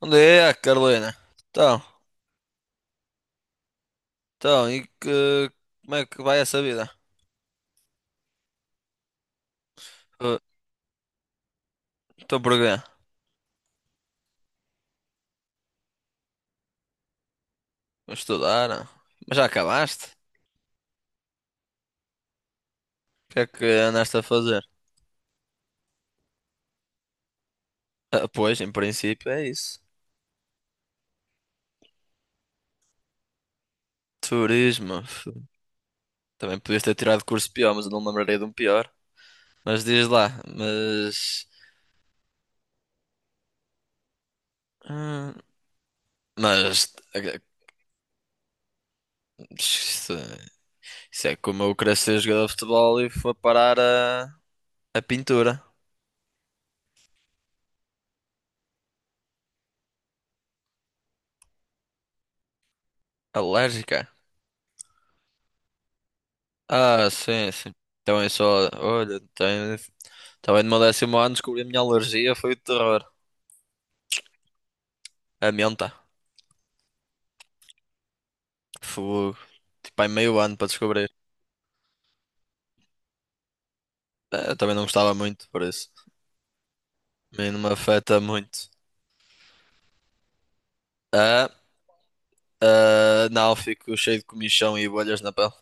Onde é, Carolina? Então, então, como é que vai essa vida? Uh, Estou por quê? Vou estudar? Ah. Mas já acabaste? O que é que andaste a fazer? Ah, pois, em princípio é isso. Turismo. Também podias ter tirado curso pior, mas eu não me lembrarei de um pior. Mas diz láhum, mas... eh, Isso, isso é como eu querer ser jogador de futebol e foi parar a pintura. Alérgica. Ah, sim, sim. Então é só. Olha. Também no meu décimo ano descobri a minha alergia, foi o terror. A menta. Fogo. Tipo, há meio ano para descobrir. Eu também não gostava muito, por isso. A mim não me afeta muito. Ah, ah, não, fico cheio de comichão e bolhas na pele.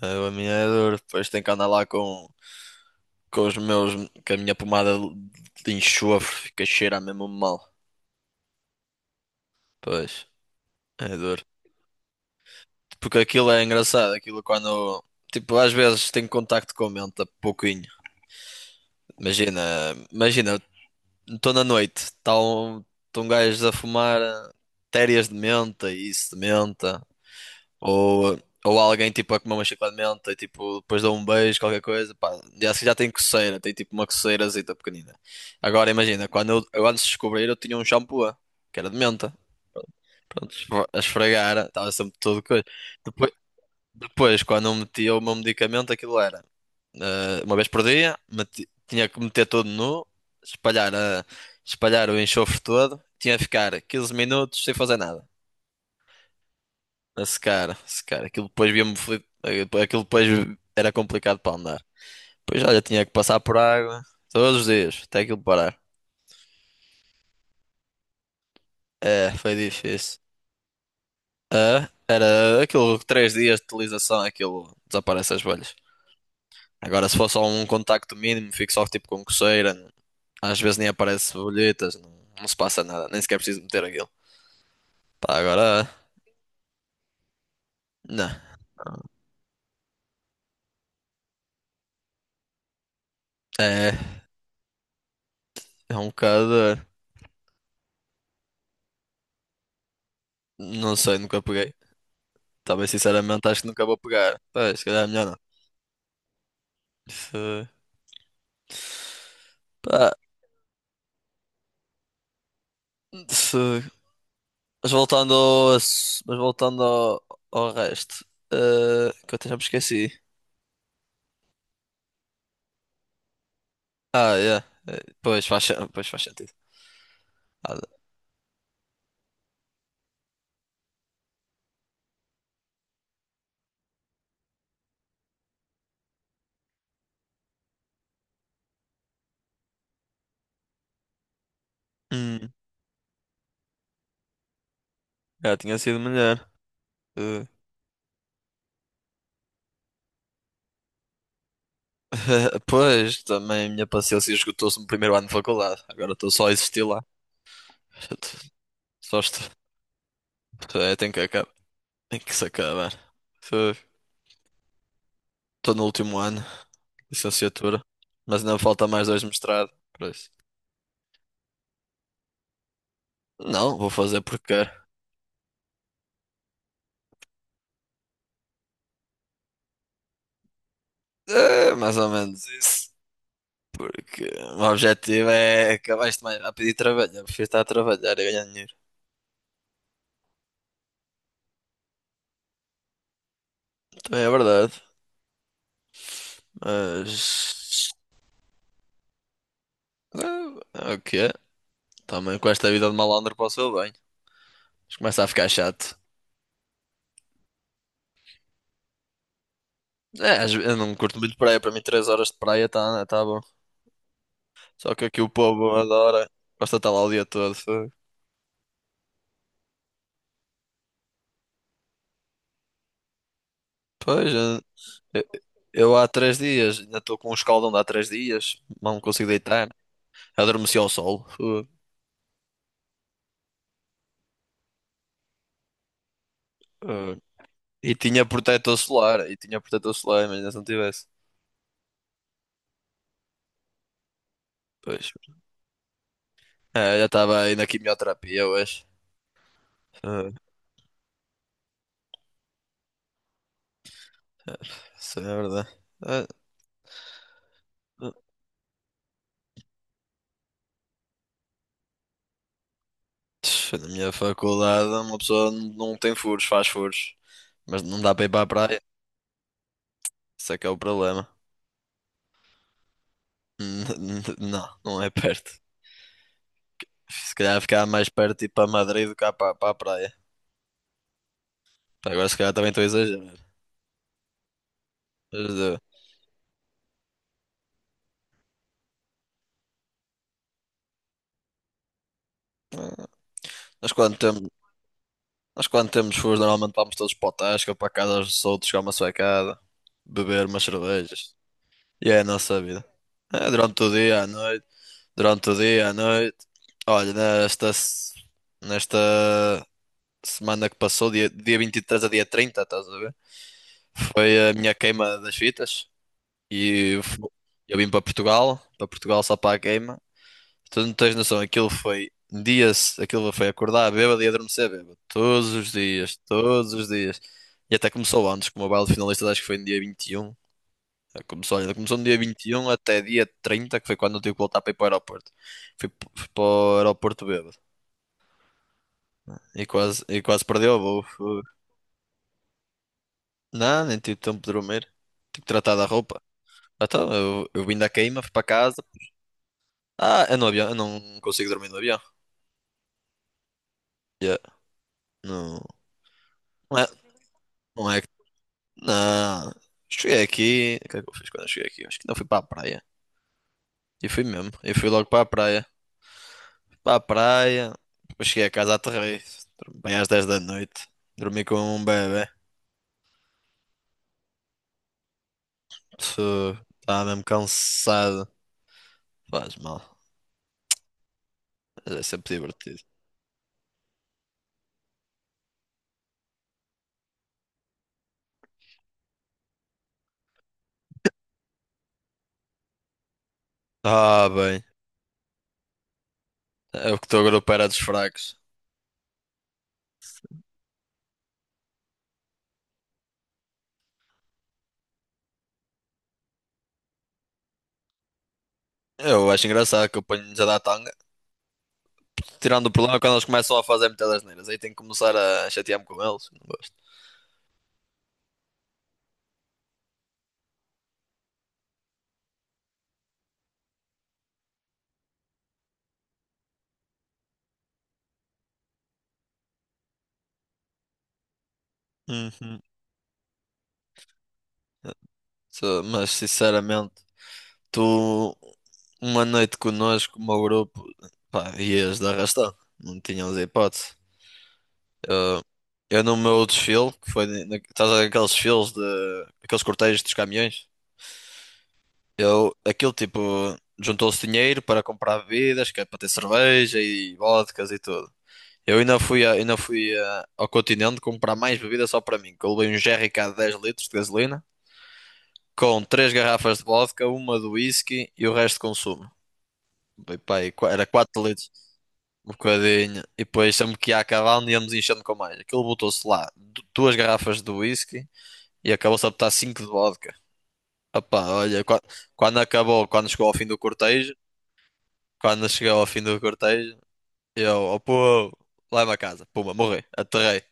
Ah, a minha é dura. Depois tenho que andar lá com os meus. Com a minha pomada de enxofre, fica cheira mesmo mal. Pois, é duro. Porque aquilo é engraçado, aquilo quando, tipo, às vezes tenho contacto com a mente pouquinho. Imagina, imagina, estou na noite, está um, tão gajos a fumar térias de menta e isso de menta, ou, ou alguém tipo a comer uma chiclete de menta e tipo, depois dá um beijo, qualquer coisa, pá, já tem coceira, tem tipo uma coceirazita pequenina. Agora imagina, quando eu antes de descobrir eu tinha um shampoo, que era de menta. Pronto, a esfregar, estava sempre todo coisa. Depois, quando eu metia o meu medicamento, aquilo era uma vez por dia, tinha que meter todo nu, espalhar, espalhar o enxofre todo, tinha que ficar 15 minutos sem fazer nada, a secar, a secar. Aquilo depois via-me, aquilo depois era complicado para andar. Depois, olha, tinha que passar por água todos os dias, até aquilo parar. É, foi difícil. É, era aquilo, 3 dias de utilização, aquilo desaparece as bolhas. Agora, se for só um contacto mínimo, fico só tipo com coceira. Às vezes nem aparece bolhetas, não, não se passa nada, nem sequer preciso meter aquilo. Pá, agora, não. É, é um bocado. Não sei, nunca peguei. Talvez, sinceramente, acho que nunca vou pegar. Pá, se calhar é melhor não. Se... Pá, se... Mas voltando ao resto, que eu até já me esqueci. Ah, yeah. Pois faz sentido. Ah, hum, já tinha sido melhor. Eh, Pois, também a minha paciência esgotou-se no primeiro ano de faculdade. Agora estou só a existir lá. Só estou. É, tem que acabar. Tem que se acabar. Estou no último ano. Licenciatura. Mas ainda falta mais dois mestrado. Por isso. Não, vou fazer porque quero. É mais ou menos isso. Porque o objetivo é acabar isto mais rápido e trabalhar. Eu prefiro estar a trabalhar e ganhar dinheiro. Também é verdade. Mas. É, é o que é. Também com esta vida de malandro para o bem. Mas começa a ficar chato. É, eu não curto muito praia. Para mim, 3 horas de praia tá bom. Só que aqui o povo adora. Gosta de estar lá o dia todo. Pois, eu, eu há 3 dias, ainda estou com um escaldão de há 3 dias, não consigo deitar. Adormeci ao sol. Eh, e tinha protetor solar, imagina se não tivesse. Pois, é, já estava aí na quimioterapia hoje. Eh, Isso é verdade. Eh, eh, Na minha faculdade, uma pessoa não tem furos, faz furos. Mas não dá para ir para a praia. Isso é que é o problema. Não, não é perto. Se calhar ficava mais perto de ir para Madrid do que para a praia. Pá, agora se calhar também estou a exagerar. Mas, Nós quando temos, nós quando temos furos, normalmente vamos todos para o Tasca, para a casa dos outros, chegar uma suecada, beber umas cervejas. E é a nossa vida. É, durante o dia, à noite, durante o dia, à noite. Olha, nesta, se- nesta semana que passou, dia 23 a dia 30, estás a ver? Foi a minha queima das fitas. E fo- eu vim para Portugal só para a queima. Tu não tens noção, aquilo foi dias, aquilo foi acordar bêbado e adormecer bêbado. Todos os dias, todos os dias. E até começou antes, como o baile de finalistas acho que foi no dia 21. Começou, olha, começou no dia 21 até dia 30 que foi quando eu tive que voltar para ir para o aeroporto. Fui para o aeroporto bêbado. E quase perdeu o voo. Não, nem tive tempo de dormir. Tive que tratar da roupa. Então, eu vim da queima, fui para casa. Ah, é no avião, eu não consigo dormir no avião. Yeah. Não, não é, não é. Não, cheguei aqui. O que é que eu fiz quando eu cheguei aqui? Acho que não fui para a praia. E fui mesmo. Eu fui logo para a praia. Fui para a praia. Depois cheguei a casa, aterrei. Dormi bem às 10 da noite. Dormi como um bebé. Estava mesmo cansado. Faz mal. Mas é sempre divertido. Ah, bem. É o que estou agora para dos fracos. Eu acho engraçado que eu ponho-lhes a dar tanga. Tirando o problema quando eles começam a fazer muitas asneiras. Aí tenho que começar a chatear-me com eles. Não gosto. Uhum. Mas sinceramente, tu uma noite connosco, o meu grupo, pá, ias de arrastão, não tínhamos hipótese. Eu no meu desfile, que foi na, estás a ver aqueles desfiles de aqueles cortejos dos caminhões, eu aquilo tipo juntou-se dinheiro para comprar bebidas, que é para ter cerveja e vodkas e tudo. Eu ainda fui ao continente comprar mais bebida só para mim, que eu levei um jerrycan de 10 litros de gasolina, com 3 garrafas de vodka, uma de whisky e o resto de consumo. Foi pá, aí era 4 litros, um bocadinho. E depois sempre que ia acabando íamos enchendo com mais. Aquilo botou-se lá 2 garrafas de whisky e acabou-se a botar 5 de vodka. Opá, olha, quando chegou ao fim do cortejo, quando chegou ao fim do cortejo, eu, oh, pô, lá é uma casa, puma, morri, aterrei.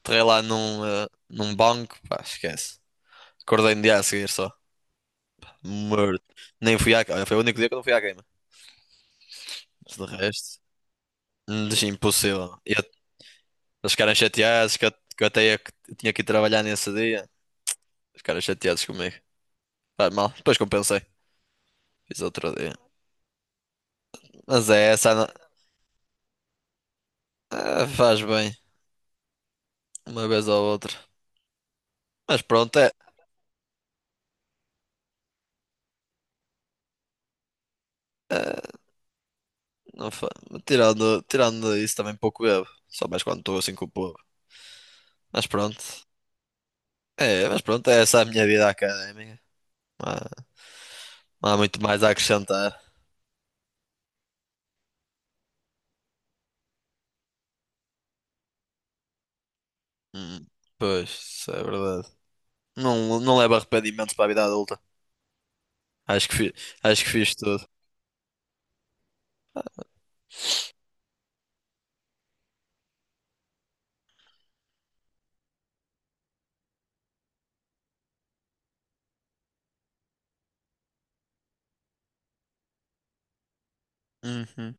Entrei lá num banco, pá, esquece. Acordei no dia a seguir só. Morto. Nem fui à queima. Foi o único dia que eu não fui à queima. Mas de resto, deixa impossível. Eles ficaram chateados que que tinha que ir trabalhar nesse dia. Eles ficaram chateados comigo. Faz mal. Depois compensei. Fiz outro dia. Mas é essa. Ah, faz bem. Uma vez ou outra. Mas pronto, é. É, não fa... tirando, tirando isso também pouco bebo. Só mais quando estou assim com o povo. Mas pronto. É, mas pronto, é essa a minha vida académica. Ah, não há muito mais a acrescentar. Hum, Pois, isso é verdade. Não, não leva arrependimentos para a vida adulta. Acho que fiz, acho que fiz tudo. Uhum.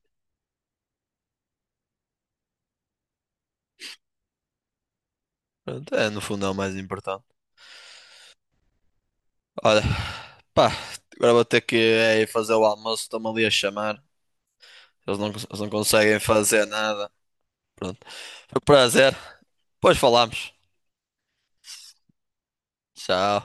Pronto, é, no fundo é o mais importante. Olha, pá, agora vou ter que é, ir fazer o almoço. Estão-me ali a chamar. Eles não conseguem fazer nada. Pronto. Foi um prazer. Depois falamos. Tchau.